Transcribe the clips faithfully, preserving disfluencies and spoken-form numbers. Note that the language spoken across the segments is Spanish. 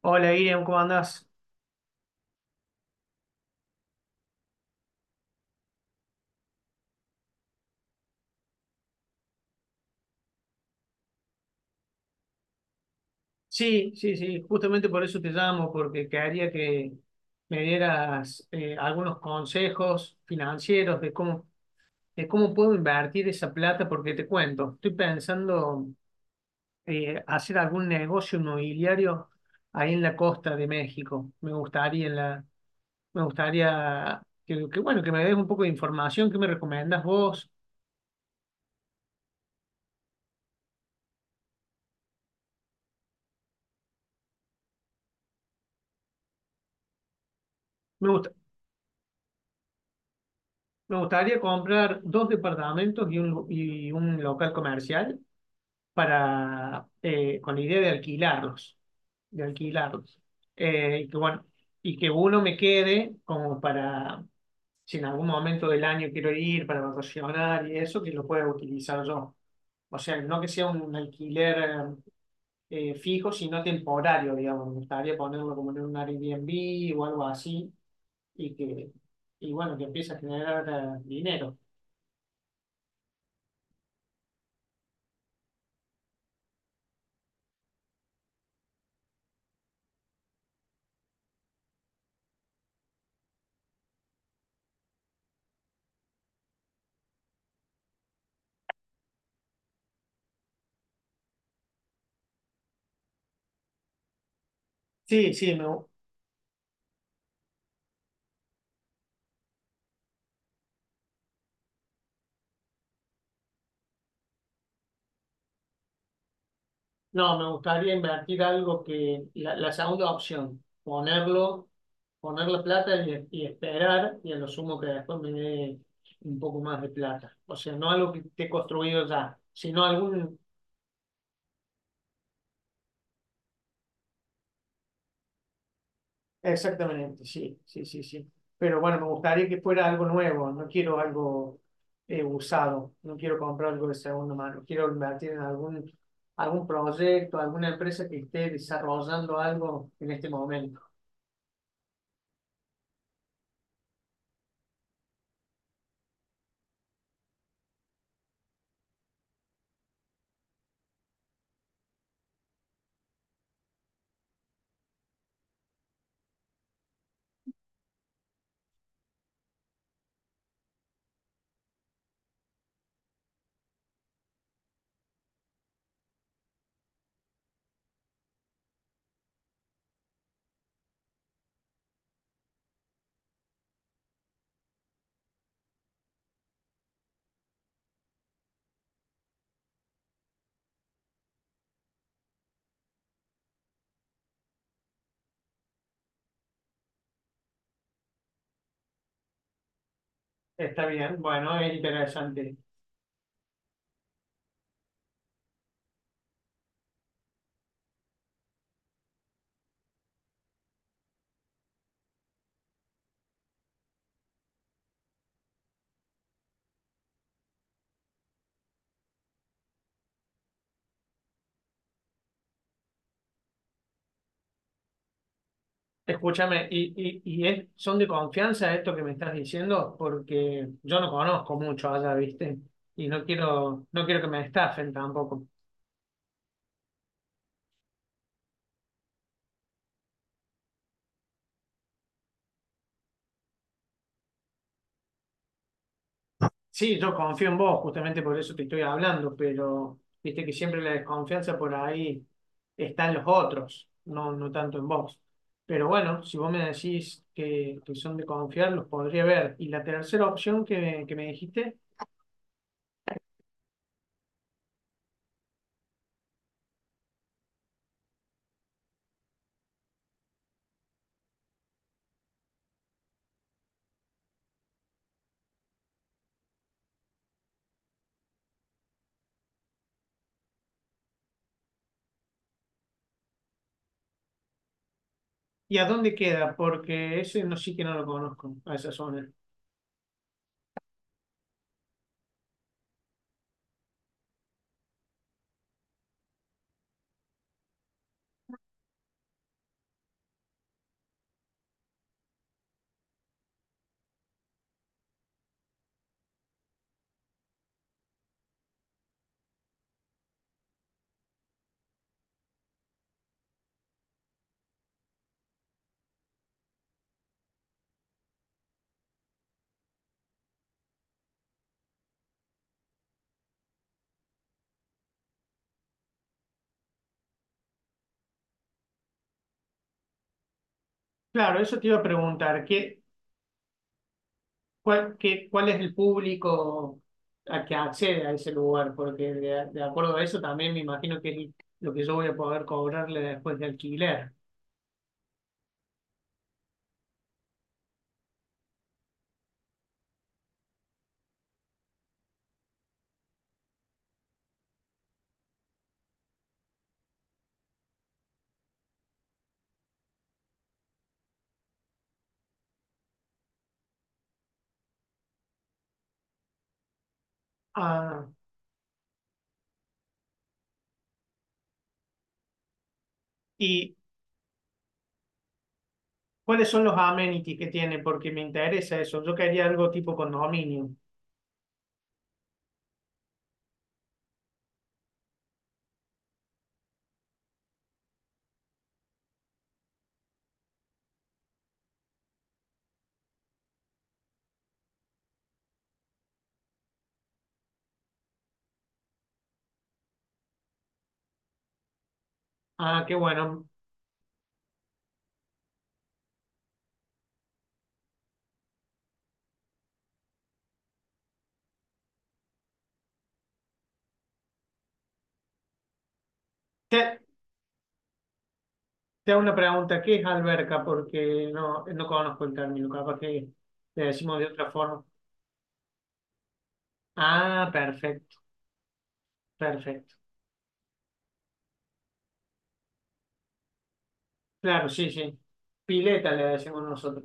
Hola, Iriam, ¿cómo andás? Sí, sí, sí, justamente por eso te llamo, porque quería que me dieras eh, algunos consejos financieros de cómo, de cómo puedo invertir esa plata, porque te cuento, estoy pensando eh, hacer algún negocio inmobiliario ahí en la costa de México. Me gustaría en la, me gustaría que, que, bueno, que me des un poco de información. ¿Qué me recomendás vos? Me gusta. Me gustaría comprar dos departamentos y un, lu- y un local comercial para, eh, con la idea de alquilarlos, de alquilarlos. Eh, y que bueno, y que uno me quede como para, si en algún momento del año quiero ir para vacacionar y eso, que lo pueda utilizar yo. O sea, no que sea un alquiler eh, fijo, sino temporario, digamos. Me gustaría ponerlo como en un Airbnb o algo así y que, y bueno, que empiece a generar eh, dinero. Sí, sí, me gu- no, me gustaría invertir algo que, la, la segunda opción, ponerlo, poner la plata y, y esperar y a lo sumo que después me dé un poco más de plata. O sea, no algo que esté construido ya, sino algún. Exactamente, sí, sí, sí, sí. Pero bueno, me gustaría que fuera algo nuevo, no quiero algo eh, usado, no quiero comprar algo de segunda mano, quiero invertir en algún, algún proyecto, alguna empresa que esté desarrollando algo en este momento. Está bien, bueno, es interesante. Escúchame, ¿y, ¿y, y es- son de confianza esto que me estás diciendo? Porque yo no conozco mucho allá, ¿viste? Y no quiero, no quiero que me estafen tampoco. Sí, yo confío en vos, justamente por eso te estoy hablando, pero viste que siempre la desconfianza por ahí está en los otros, no, no tanto en vos. Pero bueno, si vos me decís que, que son de confiar, los podría ver. Y la tercera opción que, que me dijiste. ¿Y a dónde queda? Porque ese no, sí que no lo conozco, a esa zona. Claro, eso te iba a preguntar. ¿qué, ¿Cuál, qué- cuál es el público a que accede a ese lugar? Porque de, de acuerdo a eso también me imagino que es lo que yo voy a poder cobrarle después de alquiler. Ah, ¿y cuáles son los amenities que tiene? Porque me interesa eso. Yo quería algo tipo condominio. Ah, qué bueno. Te, te hago una pregunta. ¿Qué es alberca? Porque no, no conozco el término. Capaz que le decimos de otra forma. Ah, perfecto, perfecto. Claro, sí, sí. Pileta le decimos nosotros.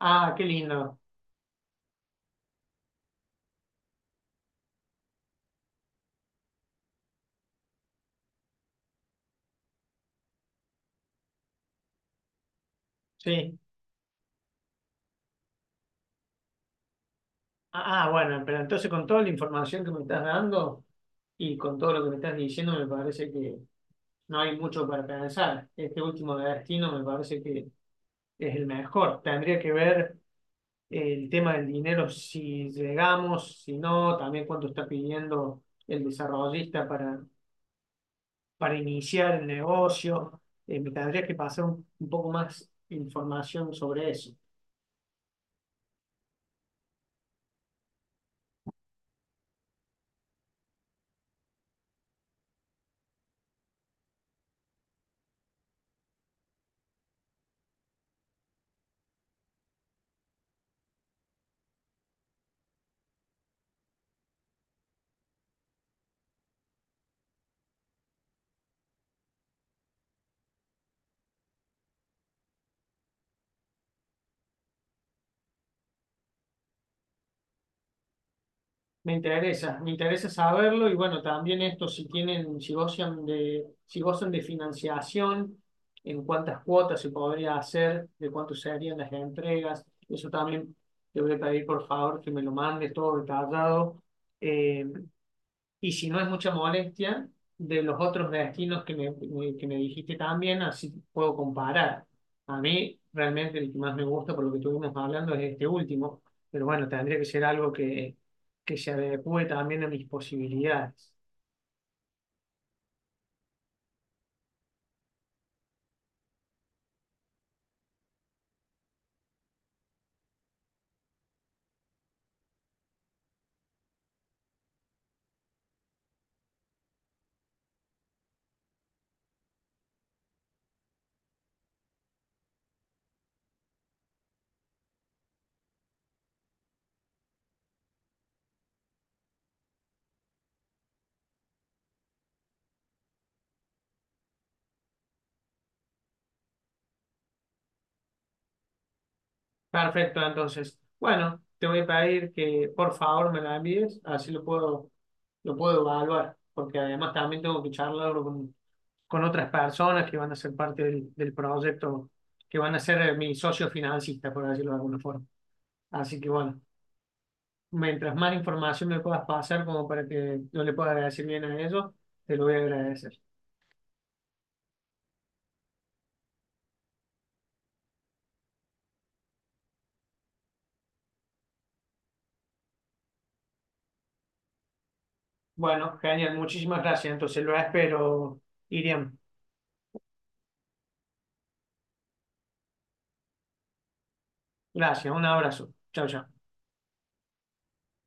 Ah, qué lindo. Sí. Ah, ah, bueno, pero entonces con toda la información que me estás dando y con todo lo que me estás diciendo, me parece que no hay mucho para pensar. Este último destino me parece que es el mejor. Tendría que ver el tema del dinero, si llegamos, si no, también cuánto está pidiendo el desarrollista para, para iniciar el negocio. Eh, me tendría que pasar un, un poco más información sobre eso. Me interesa, me interesa saberlo y bueno, también esto si tienen, si gozan de, si gozan de financiación, en cuántas cuotas se podría hacer, de cuánto serían las entregas. Eso también te voy a pedir por favor que me lo mandes todo detallado. Eh, y si no es mucha molestia, de los otros destinos que me, me- que me dijiste también, así puedo comparar. A mí realmente el que más me gusta por lo que estuvimos hablando es este último, pero bueno, tendría que ser algo que, que se adecue también a mis posibilidades. Perfecto, entonces. Bueno, te voy a pedir que por favor me la envíes, así lo puedo, lo puedo evaluar, porque además también tengo que charlarlo con, con otras personas que van a ser parte del, del proyecto, que van a ser eh, mis socios financistas, por decirlo de alguna forma. Así que bueno, mientras más información me puedas pasar como para que yo le pueda decir bien a ellos, te lo voy a agradecer. Bueno, genial, muchísimas gracias. Entonces lo espero, Iriam. Gracias, un abrazo. Chao, chao.